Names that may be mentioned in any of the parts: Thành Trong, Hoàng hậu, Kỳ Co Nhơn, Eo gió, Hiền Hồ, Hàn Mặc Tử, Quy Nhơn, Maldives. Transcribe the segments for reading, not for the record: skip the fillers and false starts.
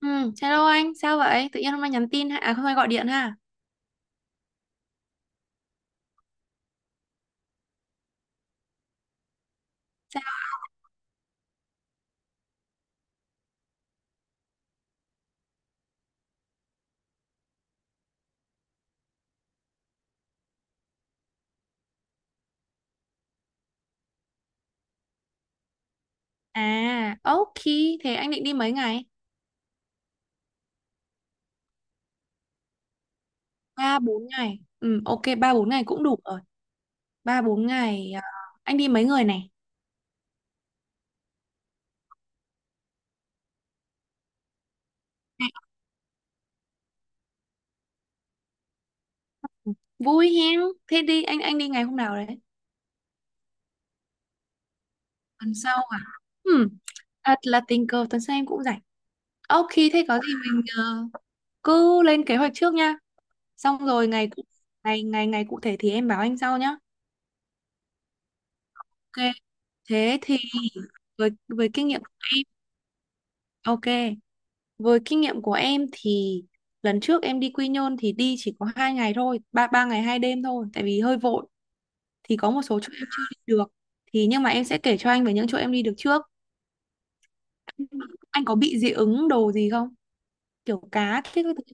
Ừ, hello anh, sao vậy? Tự nhiên hôm nay nhắn tin ha, à hôm nay gọi điện ha. À, ok, thế anh định đi mấy ngày? Ba 4 ngày. Ừ, ok 3 4 ngày cũng đủ rồi. Ba 4 ngày à, anh đi mấy người này? Vui hen. Thế đi anh đi ngày hôm nào đấy? Tuần sau à? Ừ, thật là tình cờ tuần sau em cũng rảnh. Ok, thế có gì mình cứ lên kế hoạch trước nha. Xong rồi ngày cụ thể thì em báo anh sau nhá. Ok, thế thì với kinh nghiệm của em. Ok. Với kinh nghiệm của em thì lần trước em đi Quy Nhơn thì đi chỉ có 2 ngày thôi, ba ba ngày hai đêm thôi, tại vì hơi vội thì có một số chỗ em chưa đi được. Thì nhưng mà em sẽ kể cho anh về những chỗ em đi được trước. Anh có bị dị ứng đồ gì không? Kiểu cá thích các thứ.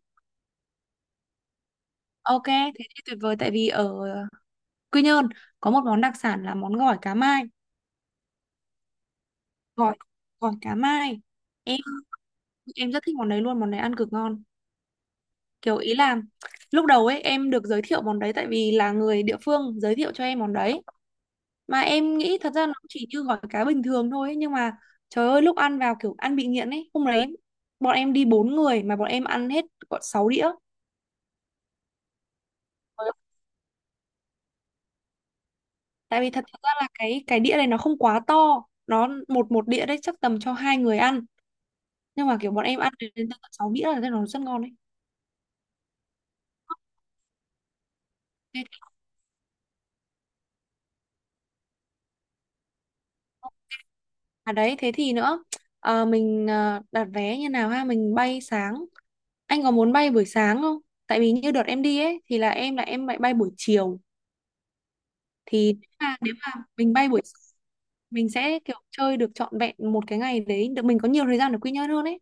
Ok, thế thì tuyệt vời tại vì ở Quy Nhơn có một món đặc sản là món gỏi cá mai, gỏi gỏi cá mai. Em em rất thích món đấy luôn, món đấy ăn cực ngon. Kiểu ý là lúc đầu ấy em được giới thiệu món đấy tại vì là người địa phương giới thiệu cho em món đấy, mà em nghĩ thật ra nó chỉ như gỏi cá bình thường thôi ấy, nhưng mà trời ơi lúc ăn vào kiểu ăn bị nghiện ấy. Hôm đấy bọn em đi bốn người mà bọn em ăn hết gọn sáu đĩa, tại vì thật ra là cái đĩa này nó không quá to, nó một một đĩa đấy chắc tầm cho hai người ăn, nhưng mà kiểu bọn em ăn đến đến tận sáu đĩa là thấy nó rất ngon đấy. Thế thì- ok. À đấy thế thì nữa, ờ, mình đặt vé như nào ha, mình bay sáng, anh có muốn bay buổi sáng không? Tại vì như đợt em đi ấy thì là em lại bay buổi chiều. Thì nếu mà mình bay buổi sáng, mình sẽ kiểu chơi được trọn vẹn một cái ngày đấy được, mình có nhiều thời gian để Quy Nhơn hơn ấy.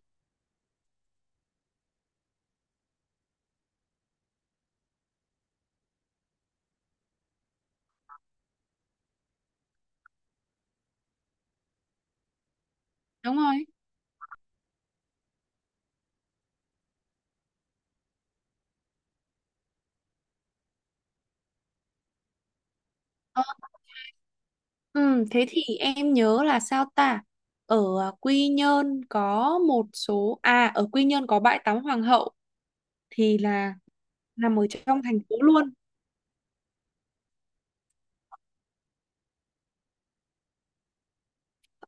Đúng rồi. Ờ, ừ, thế thì em nhớ là sao ta? Ở à, Quy Nhơn có một số, à ở Quy Nhơn có bãi tắm Hoàng hậu thì là nằm ở trong thành phố luôn.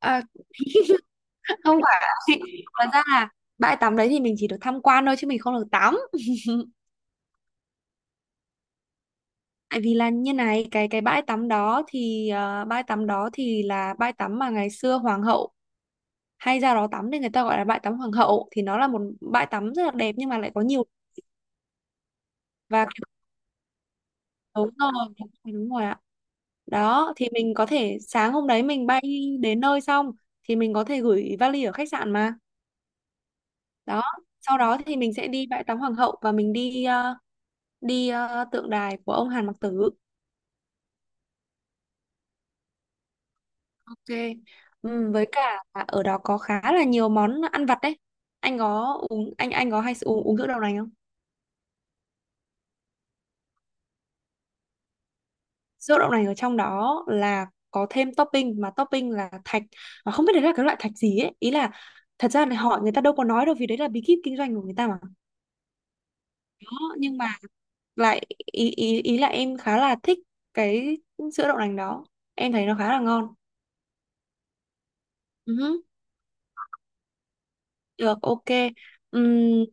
À, không phải thật ra là bãi tắm đấy thì mình chỉ được tham quan thôi chứ mình không được tắm. Tại vì là như này, cái bãi tắm đó thì bãi tắm đó thì là bãi tắm mà ngày xưa Hoàng hậu hay ra đó tắm nên người ta gọi là bãi tắm Hoàng hậu, thì nó là một bãi tắm rất là đẹp nhưng mà lại có nhiều. Và đúng rồi, đúng rồi đúng rồi ạ. Đó thì mình có thể sáng hôm đấy mình bay đến nơi xong thì mình có thể gửi vali ở khách sạn mà. Đó sau đó thì mình sẽ đi bãi tắm Hoàng hậu, và mình đi tượng đài của ông Hàn Mặc Tử. Ok. Với cả là ở đó có khá là nhiều món ăn vặt đấy. Anh có hay uống uống sữa đậu nành không? Sữa đậu nành ở trong đó là có thêm topping, mà topping là thạch mà không biết đấy là cái loại thạch gì ấy. Ý là thật ra là người ta đâu có nói đâu vì đấy là bí kíp kinh doanh của người ta mà. Đó, nhưng mà lại ý ý ý là em khá là thích cái sữa đậu nành đó, em thấy nó khá là ngon. Ừ hứ, được, ok. Ừm,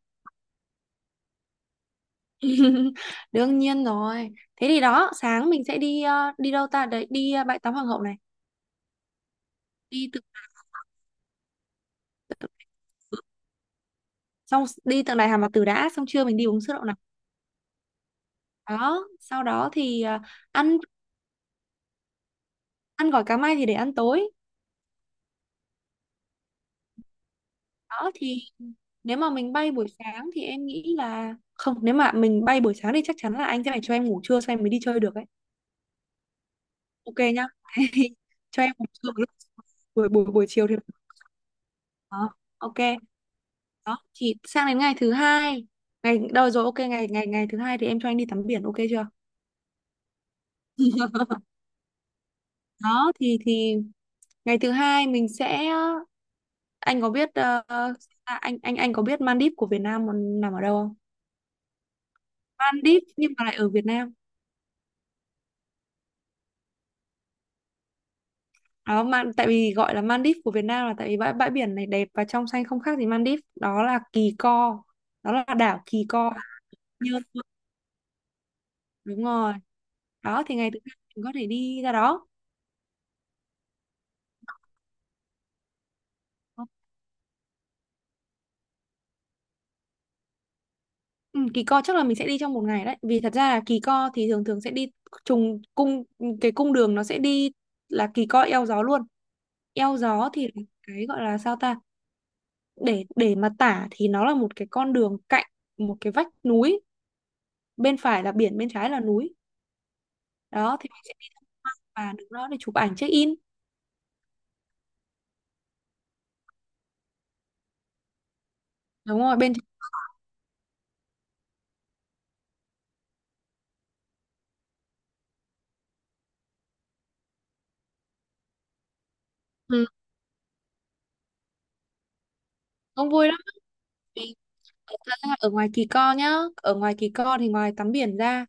đương nhiên rồi. Thế thì đó sáng mình sẽ đi đâu ta đấy, đi bãi tắm Hoàng hậu này. Đi từ, từ xong đi tượng đài Hà Mạt Tử đã, xong trưa mình đi uống sữa đậu nành. Đó sau đó thì à, ăn ăn gỏi cá mai thì để ăn tối. Đó thì nếu mà mình bay buổi sáng thì em nghĩ là không, nếu mà mình bay buổi sáng thì chắc chắn là anh sẽ phải cho em ngủ trưa xong em mới đi chơi được ấy. Ok nhá. Cho em ngủ trưa một lúc, buổi buổi buổi chiều thì đó ok. Đó thì sang đến ngày thứ hai, ngày đâu rồi ok, ngày ngày ngày thứ hai thì em cho anh đi tắm biển, ok chưa? Đó thì ngày thứ hai mình sẽ anh có biết anh có biết Maldives của Việt Nam nằm ở đâu không? Maldives nhưng mà lại ở Việt Nam. Đó mà tại vì gọi là Maldives của Việt Nam là tại vì bãi bãi biển này đẹp và trong xanh không khác gì Maldives. Đó là Kỳ Co. Đó là đảo Kỳ Co Nhơn. Đúng rồi. Đó thì ngày thứ hai mình có thể đi ra đó. Ừ, Kỳ Co chắc là mình sẽ đi trong một ngày đấy. Vì thật ra là Kỳ Co thì thường thường sẽ đi trùng cung, cái cung đường nó sẽ đi là Kỳ Co eo gió luôn. Eo gió thì là cái gọi là sao ta? Để mà tả thì nó là một cái con đường cạnh một cái vách núi, bên phải là biển, bên trái là núi. Đó thì mình sẽ đi tham quan và đứng đó để chụp ảnh check in. Đúng rồi, ừ, cũng vui lắm. Vì thật ra ở ngoài Kỳ Co nhá, ở ngoài Kỳ Co thì ngoài tắm biển ra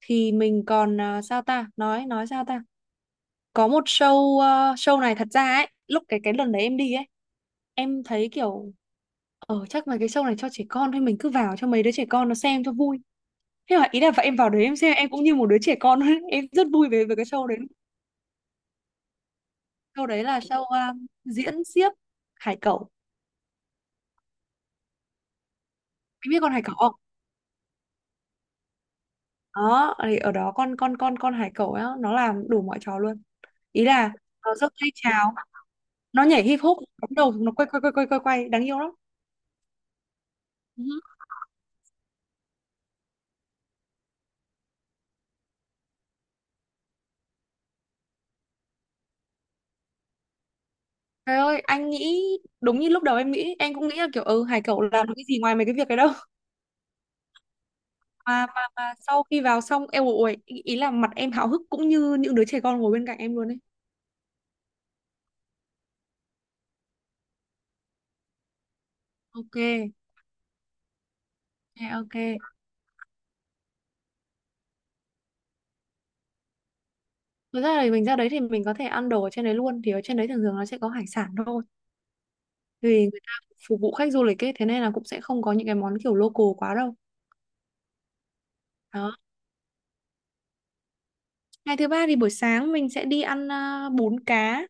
thì mình còn à, sao ta? Nói sao ta? Có một show, à show này thật ra ấy, lúc cái lần đấy em đi ấy, em thấy kiểu chắc là cái show này cho trẻ con thôi, mình cứ vào cho mấy đứa trẻ con nó xem cho vui, thế là ý là và em vào đấy em xem em cũng như một đứa trẻ con ấy. Em rất vui về với cái show đấy. Show đấy là show à, diễn xiếc hải cẩu. Em biết con hải cẩu không? Đó thì ở đó con hải cẩu á nó làm đủ mọi trò luôn. Ý là nó giơ tay chào, nó nhảy hip hop, nó bấm đầu, nó quay quay quay quay quay quay đáng yêu lắm. Ừ. Trời ơi anh nghĩ, đúng như lúc đầu em nghĩ, em cũng nghĩ là kiểu ừ hải cẩu làm được cái gì ngoài mấy cái việc đấy đâu. Mà sau khi vào xong em ủi ý ý là mặt em háo hức cũng như những đứa trẻ con ngồi bên cạnh em luôn ấy. Ok, ok, ok. Thực ra thì mình ra đấy thì mình có thể ăn đồ ở trên đấy luôn. Thì ở trên đấy thường thường nó sẽ có hải sản thôi. Vì người ta phục vụ khách du lịch ấy, thế nên là cũng sẽ không có những cái món kiểu local quá đâu. Đó. Ngày thứ ba thì buổi sáng mình sẽ đi ăn à, bún cá.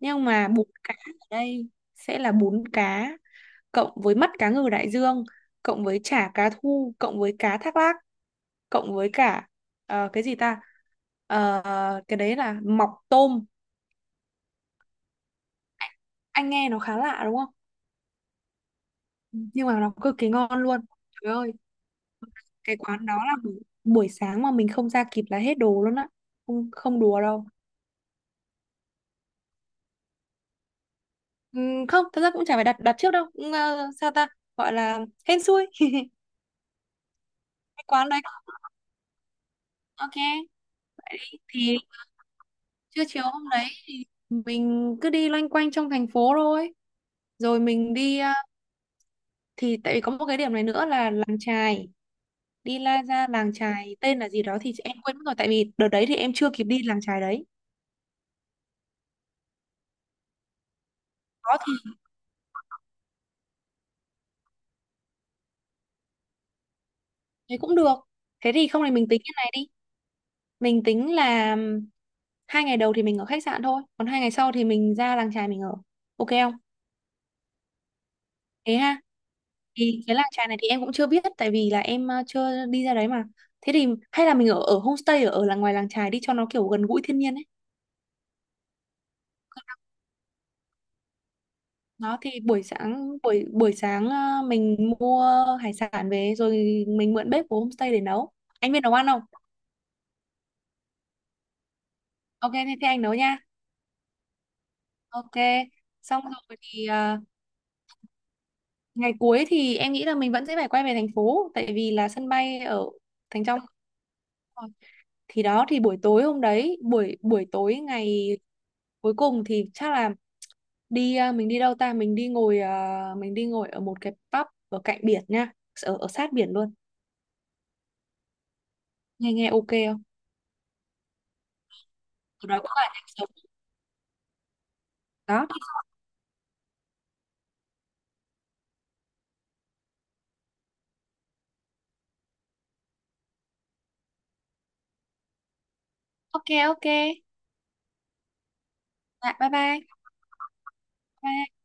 Nhưng mà bún cá ở đây sẽ là bún cá cộng với mắt cá ngừ đại dương, cộng với chả cá thu, cộng với cá thác lác, cộng với cả cái gì ta? Ờ, cái đấy là mọc tôm. Anh nghe nó khá lạ đúng không? Nhưng mà nó cực kỳ ngon luôn. Trời ơi cái quán đó là buổi buổi sáng mà mình không ra kịp là hết đồ luôn á, không không đùa đâu. Ừ, không thật ra cũng chả phải đặt đặt trước đâu. Ừ, sao ta, gọi là hên xui. Cái quán đấy ok. Thì trưa chiều hôm đấy mình cứ đi loanh quanh trong thành phố thôi, rồi mình thì tại vì có một cái điểm này nữa là làng chài. Đi ra làng chài tên là gì đó thì em quên mất rồi, tại vì đợt đấy thì em chưa kịp đi làng chài đấy. Đó thì thấy cũng được. Thế thì không thì mình tính cái này đi, mình tính là 2 ngày đầu thì mình ở khách sạn thôi, còn 2 ngày sau thì mình ra làng chài mình ở, ok không thế ha? Thì cái làng chài này thì em cũng chưa biết tại vì là em chưa đi ra đấy mà. Thế thì hay là mình ở ở homestay ở ở là ngoài làng chài đi cho nó kiểu gần gũi thiên nhiên ấy. Đó thì buổi sáng buổi buổi sáng mình mua hải sản về rồi mình mượn bếp của homestay để nấu. Anh biết nấu ăn không? Ok, thế anh nấu nha. Ok. Xong rồi thì ngày cuối thì em nghĩ là mình vẫn sẽ phải quay về thành phố tại vì là sân bay ở Thành Trong. Rồi. Thì đó thì buổi tối hôm đấy, buổi buổi tối ngày cuối cùng thì chắc là đi à, mình đi đâu ta? Mình đi ngồi à, mình đi ngồi ở một cái pub ở cạnh biển nha, ở ở sát biển luôn. Nghe nghe ok không? Ở đó có là nhạc sống. Đó, ok ok. Dạ bye bye. Bye.